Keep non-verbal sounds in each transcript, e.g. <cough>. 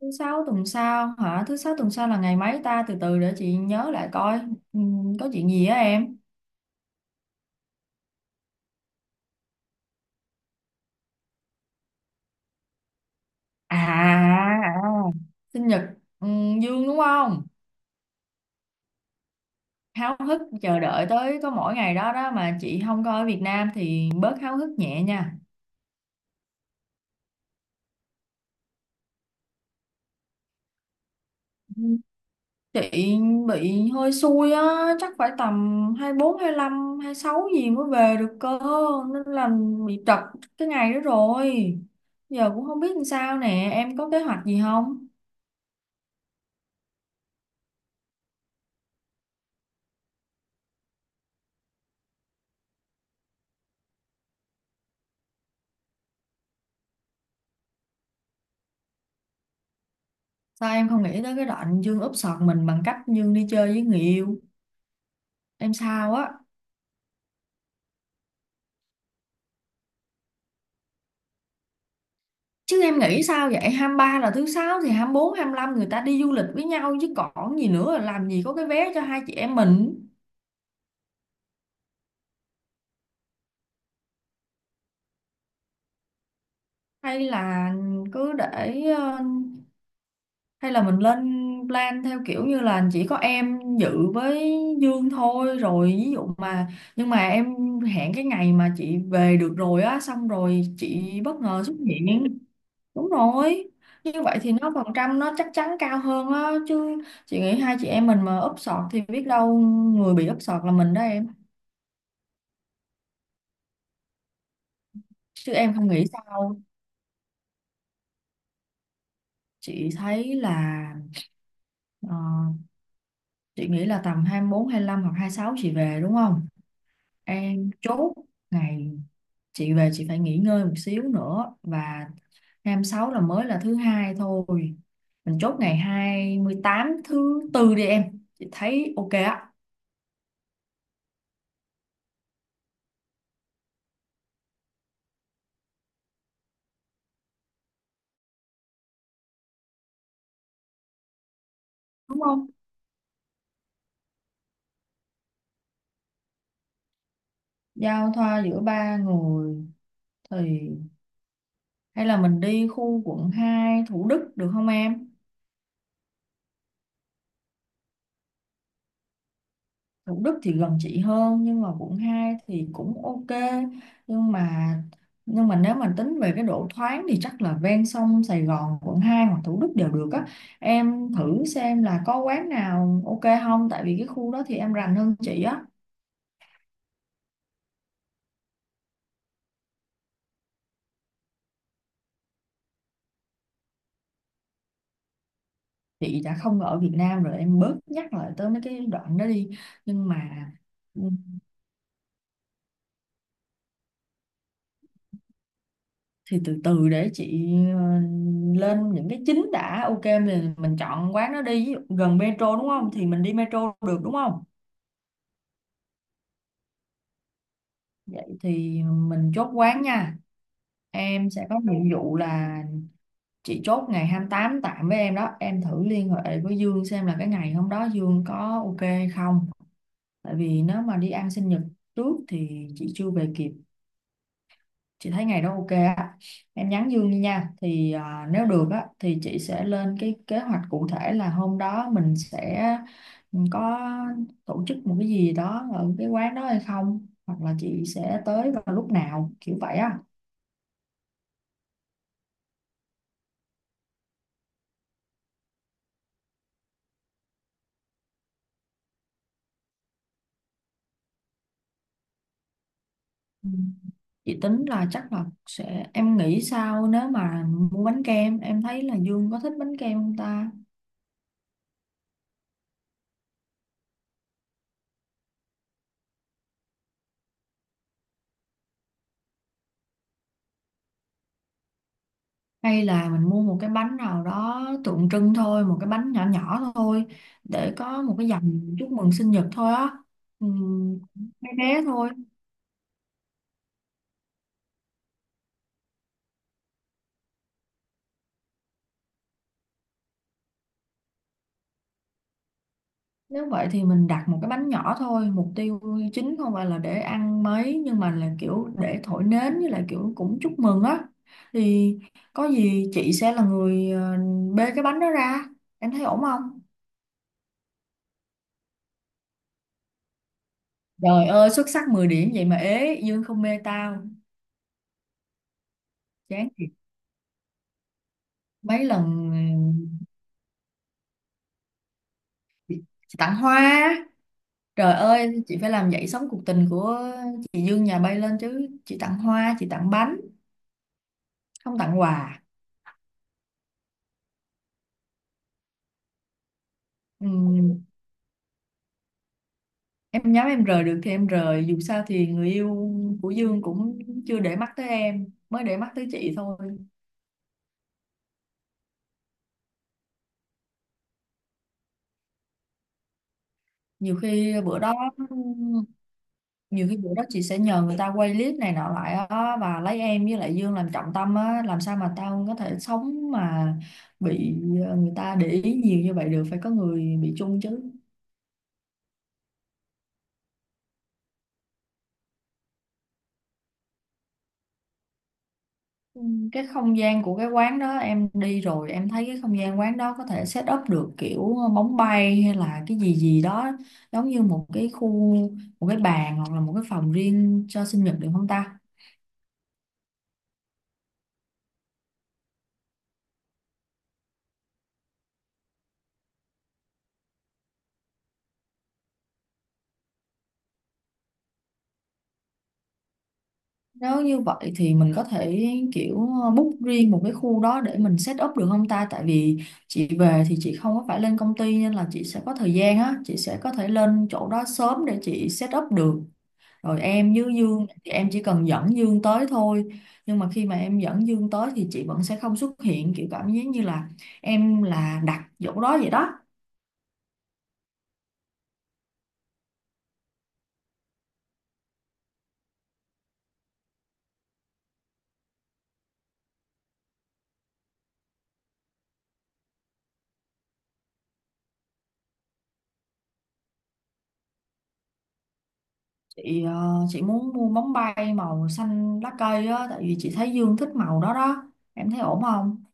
Thứ sáu tuần sau hả? Thứ sáu tuần sau là ngày mấy ta? Từ từ để chị nhớ lại coi. Có chuyện gì á em? À, à, Sinh nhật Dương đúng không? Háo hức chờ đợi tới có mỗi ngày đó đó mà chị không coi ở Việt Nam thì bớt háo hức nhẹ nha. Ừm, Chị bị hơi xui á, chắc phải tầm 24, hai sáu gì mới về được cơ. Nên là bị trật cái ngày đó rồi. Giờ cũng không biết làm sao nè, em có kế hoạch gì không? Sao em không nghĩ tới cái đoạn Dương úp sọt mình bằng cách Dương đi chơi với người yêu? Em sao á? Chứ em nghĩ sao vậy? Hai mươi ba là thứ sáu thì 24, 25 người ta đi du lịch với nhau chứ còn gì nữa, làm gì có cái vé cho hai chị em mình? Hay là cứ để hay là mình lên plan theo kiểu như là chỉ có em dự với Dương thôi, rồi ví dụ mà nhưng mà em hẹn cái ngày mà chị về được rồi á, xong rồi chị bất ngờ xuất hiện. Đúng rồi, như vậy thì nó phần trăm nó chắc chắn cao hơn á, chứ chị nghĩ hai chị em mình mà úp sọt thì biết đâu người bị úp sọt là mình đó em. Chứ em không nghĩ sao. Chị thấy là ờ, chị nghĩ là tầm 24, lăm hoặc hai sáu chị về đúng không. Em chốt ngày, chị về chị phải nghỉ ngơi một xíu nữa, và 26 là mới là thứ hai thôi, mình chốt ngày 28 thứ tư đi em, chị thấy ok á. Đúng không. Giao thoa giữa ba người thì hay là mình đi khu quận 2 Thủ Đức được không em. Thủ Đức thì gần chị hơn nhưng mà quận 2 thì cũng ok, nhưng mà nhưng mà nếu mà tính về cái độ thoáng thì chắc là ven sông Sài Gòn quận 2 hoặc Thủ Đức đều được á. Em thử xem là có quán nào ok không, tại vì cái khu đó thì em rành hơn chị á. Chị đã không ở Việt Nam rồi, em bớt nhắc lại tới mấy cái đoạn đó đi. Nhưng mà ừ, thì từ từ để chị ờ, lên những cái chính đã. Ok, mình chọn quán đó đi. Ví dụ gần metro đúng không, thì mình đi metro được đúng không. Vậy thì mình chốt quán nha. Em sẽ có nhiệm vụ là chị chốt ngày 28 tạm với em đó. Em thử liên hệ với Dương xem là cái ngày hôm đó Dương có ok hay không. Tại vì nếu mà đi ăn sinh nhật trước thì chị chưa về kịp. Chị thấy ngày đó ok á. Em nhắn Dương đi nha. Thì à, nếu được á thì chị sẽ lên cái kế hoạch cụ thể là hôm đó mình sẽ ừ, có tổ chức một cái gì đó ở cái quán đó hay không. Hoặc là chị sẽ tới vào lúc nào kiểu vậy á. Ừ. Chị tính là chắc là sẽ, em nghĩ sao nếu mà mua bánh kem, em thấy là Dương có thích bánh kem không ta. Hay là mình mua một cái bánh nào đó tượng trưng thôi, một cái bánh nhỏ nhỏ thôi, để có một cái dòng chúc mừng sinh nhật thôi á. ừ, Bé bé thôi. Nếu vậy thì mình đặt một cái bánh nhỏ thôi, mục tiêu chính không phải là để ăn mấy nhưng mà là kiểu để thổi nến với lại kiểu cũng chúc mừng á. Thì có gì chị sẽ là người bê cái bánh đó ra. Em thấy ổn không? Trời ơi, xuất sắc 10 điểm vậy mà ế, Dương không mê tao. Chán thiệt. Mấy lần chị tặng hoa. Trời ơi, chị phải làm dậy sóng cuộc tình của chị Dương nhà bay lên chứ. Chị tặng hoa, chị tặng bánh, không tặng quà. Ừ. Em nhắm em rời được thì em rời, dù sao thì người yêu của Dương cũng chưa để mắt tới em, mới để mắt tới chị thôi. Nhiều khi bữa đó, nhiều khi bữa đó chị sẽ nhờ người ta quay clip này nọ lại á, và lấy em với lại Dương làm trọng tâm á. Làm sao mà tao có thể sống mà bị người ta để ý nhiều như vậy được, phải có người bị chung chứ. Ừ, cái không gian của cái quán đó em đi rồi, em thấy cái không gian quán đó có thể set up được kiểu bóng bay hay là cái gì gì đó, giống như một cái khu, một cái bàn hoặc là một cái phòng riêng cho sinh nhật được không ta. Nếu như vậy thì mình có thể kiểu book riêng một cái khu đó để mình set up được không ta, tại vì chị về thì chị không có phải lên công ty, nên là chị sẽ có thời gian á, chị sẽ có thể lên chỗ đó sớm để chị set up được, rồi em với Dương thì em chỉ cần dẫn Dương tới thôi. Nhưng mà khi mà em dẫn Dương tới thì chị vẫn sẽ không xuất hiện, kiểu cảm giác như là em là đặt chỗ đó vậy đó. Chị chị muốn mua bóng bay màu xanh lá cây á, tại vì chị thấy Dương thích màu đó đó. Em thấy ổn không.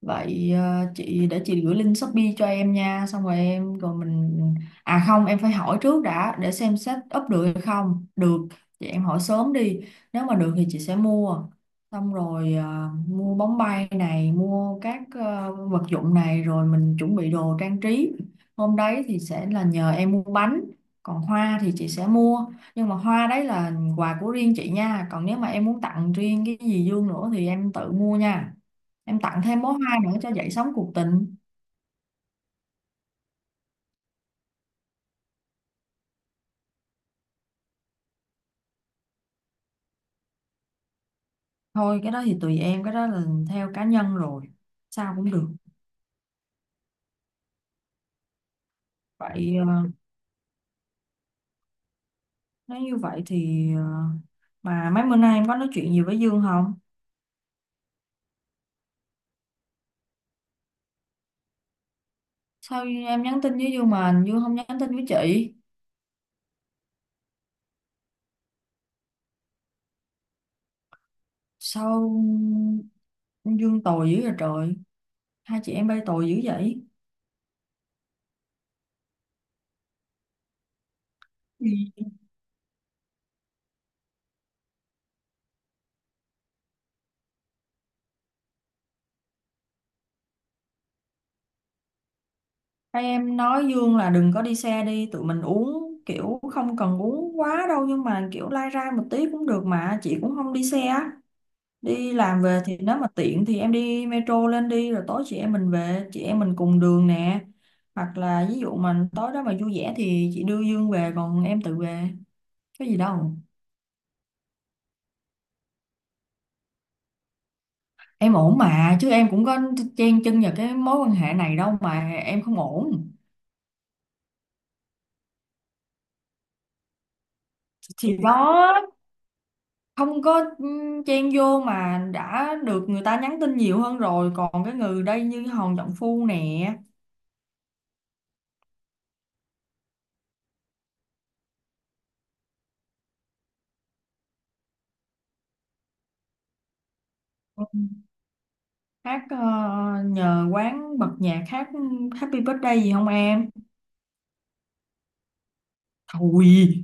Vậy chị để chị gửi link Shopee cho em nha, xong rồi em rồi mình, à không, em phải hỏi trước đã để xem set up được hay không. Được, chị em hỏi sớm đi. Nếu mà được thì chị sẽ mua. Xong rồi mua bóng bay này, mua các vật dụng này, rồi mình chuẩn bị đồ trang trí. Hôm đấy thì sẽ là nhờ em mua bánh, còn hoa thì chị sẽ mua. Nhưng mà hoa đấy là quà của riêng chị nha, còn nếu mà em muốn tặng riêng cái gì Dương nữa thì em tự mua nha. Em tặng thêm bó hoa nữa cho dậy sóng cuộc tình. Thôi cái đó thì tùy em, cái đó là theo cá nhân rồi, sao cũng được. Vậy nếu như vậy thì mà mấy bữa nay em có nói chuyện gì với Dương không. Sao em nhắn tin với Dương mà Dương không nhắn tin với chị. Sao Dương tồi dữ vậy trời, hai chị em bay tồi dữ vậy. Ừ. Hai em nói Dương là đừng có đi xe đi, tụi mình uống kiểu không cần uống quá đâu nhưng mà kiểu lai rai một tí cũng được mà, chị cũng không đi xe. Đi làm về thì nếu mà tiện thì em đi metro lên đi, rồi tối chị em mình về, chị em mình cùng đường nè. Hoặc là ví dụ mà tối đó mà vui vẻ thì chị đưa Dương về còn em tự về, có gì đâu. Em ổn mà chứ, em cũng có chen chân vào cái mối quan hệ này đâu mà em không ổn. Thì đó, không có chen vô mà đã được người ta nhắn tin nhiều hơn rồi, còn cái người đây như Hòn Trọng Phu nè. Ừ. Hát nhờ quán bật nhạc hát Happy Birthday gì không em. Thôi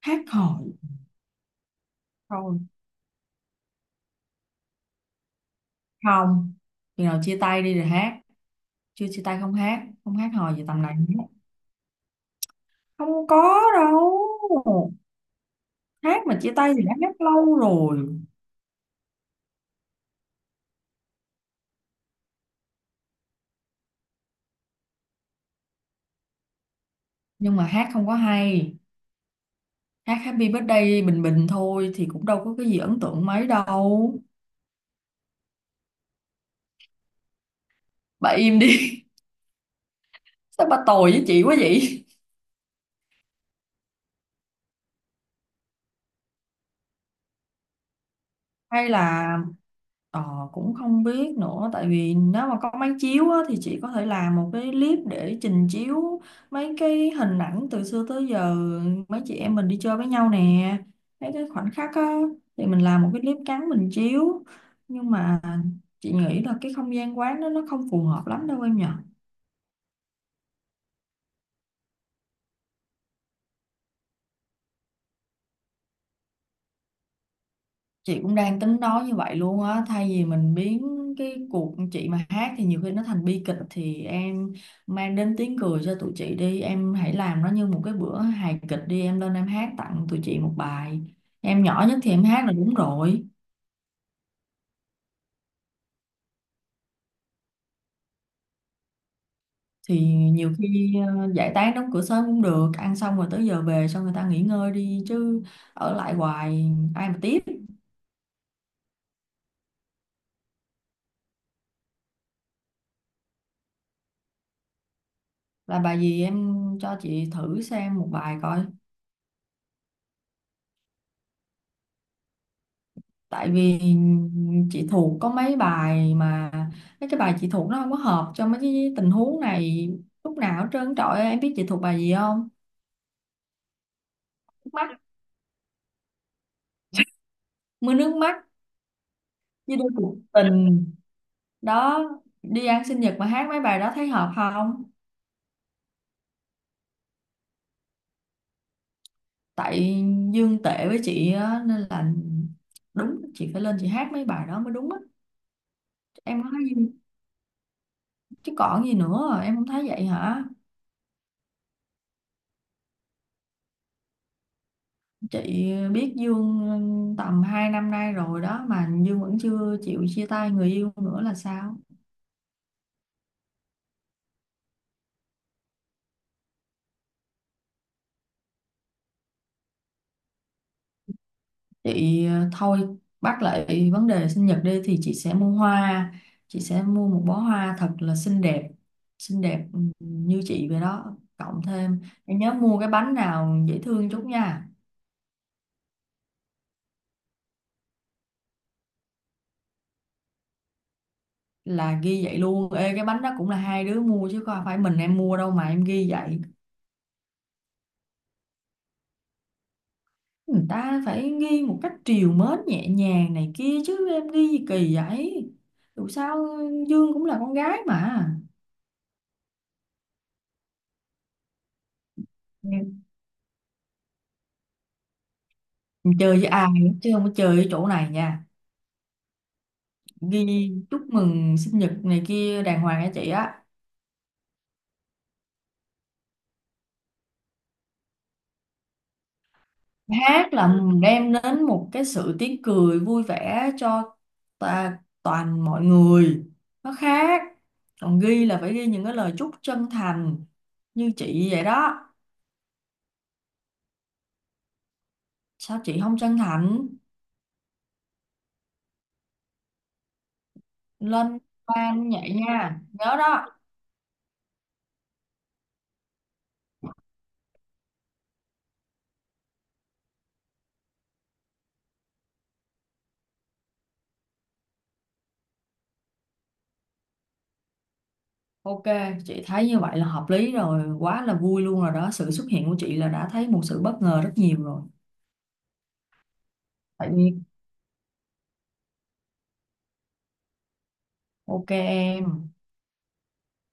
hát hò. Thôi không, khi nào chia tay đi rồi hát. Chưa chia tay không hát. Không hát hò gì tầm này nữa. Không có đâu. Hát mà chia tay thì đã hát lâu rồi. Nhưng mà hát không có hay. Hát Happy Birthday bình bình thôi, thì cũng đâu có cái gì ấn tượng mấy đâu. Bà im đi. <laughs> Sao bà tồi với chị quá vậy. Hay là ờ, cũng không biết nữa, tại vì nếu mà có máy chiếu á, thì chị có thể làm một cái clip để trình chiếu mấy cái hình ảnh từ xưa tới giờ, mấy chị em mình đi chơi với nhau nè, mấy cái khoảnh khắc á, thì mình làm một cái clip ngắn mình chiếu. Nhưng mà chị nghĩ là cái không gian quán đó nó không phù hợp lắm đâu em nhỉ. Chị cũng đang tính nói như vậy luôn á, thay vì mình biến cái cuộc, chị mà hát thì nhiều khi nó thành bi kịch, thì em mang đến tiếng cười cho tụi chị đi, em hãy làm nó như một cái bữa hài kịch đi, em lên em hát tặng tụi chị một bài. Em nhỏ nhất thì em hát là đúng rồi. Thì nhiều khi giải tán đóng cửa sớm cũng được, ăn xong rồi tới giờ về, xong người ta nghỉ ngơi đi chứ, ở lại hoài ai mà tiếp. Là bài gì em, cho chị thử xem một bài coi. Tại vì chị thuộc có mấy bài mà, mấy cái bài chị thuộc nó không có hợp cho mấy cái tình huống này, lúc nào hết trơn trọi. Em biết chị thuộc bài gì không. Nước mắt, mưa nước mắt, như đôi cuộc tình đó, đi ăn sinh nhật mà hát mấy bài đó thấy hợp không. Tại Dương tệ với chị á, nên là đúng chị phải lên chị hát mấy bài đó mới đúng á. Em có thấy gì, chứ còn gì nữa, em không thấy vậy hả. Chị biết Dương tầm 2 năm nay rồi đó mà Dương vẫn chưa chịu chia tay người yêu nữa là sao? Chị thôi bắt lại vấn đề sinh nhật đi, thì chị sẽ mua hoa, chị sẽ mua một bó hoa thật là xinh đẹp như chị vậy đó, cộng thêm em nhớ mua cái bánh nào dễ thương chút nha, là ghi vậy luôn. Ê cái bánh đó cũng là hai đứa mua chứ không phải mình em mua đâu mà em ghi vậy. Người ta phải nghi một cách trìu mến nhẹ nhàng này kia chứ em nghi gì kỳ vậy. Dù sao Dương cũng là con gái mà. Ừ. Chơi với ai chứ không có chơi với chỗ này nha. Ghi chúc mừng sinh nhật này kia đàng hoàng nha chị á. Hát là đem đến một cái sự tiếng cười vui vẻ cho ta, toàn mọi người, nó khác. Còn ghi là phải ghi những cái lời chúc chân thành như chị vậy đó. Sao chị không chân thành. Lên plan vậy nha, nhớ đó. Ok, chị thấy như vậy là hợp lý rồi, quá là vui luôn rồi đó, sự xuất hiện của chị là đã thấy một sự bất ngờ rất nhiều rồi. Tại nhiên ok em.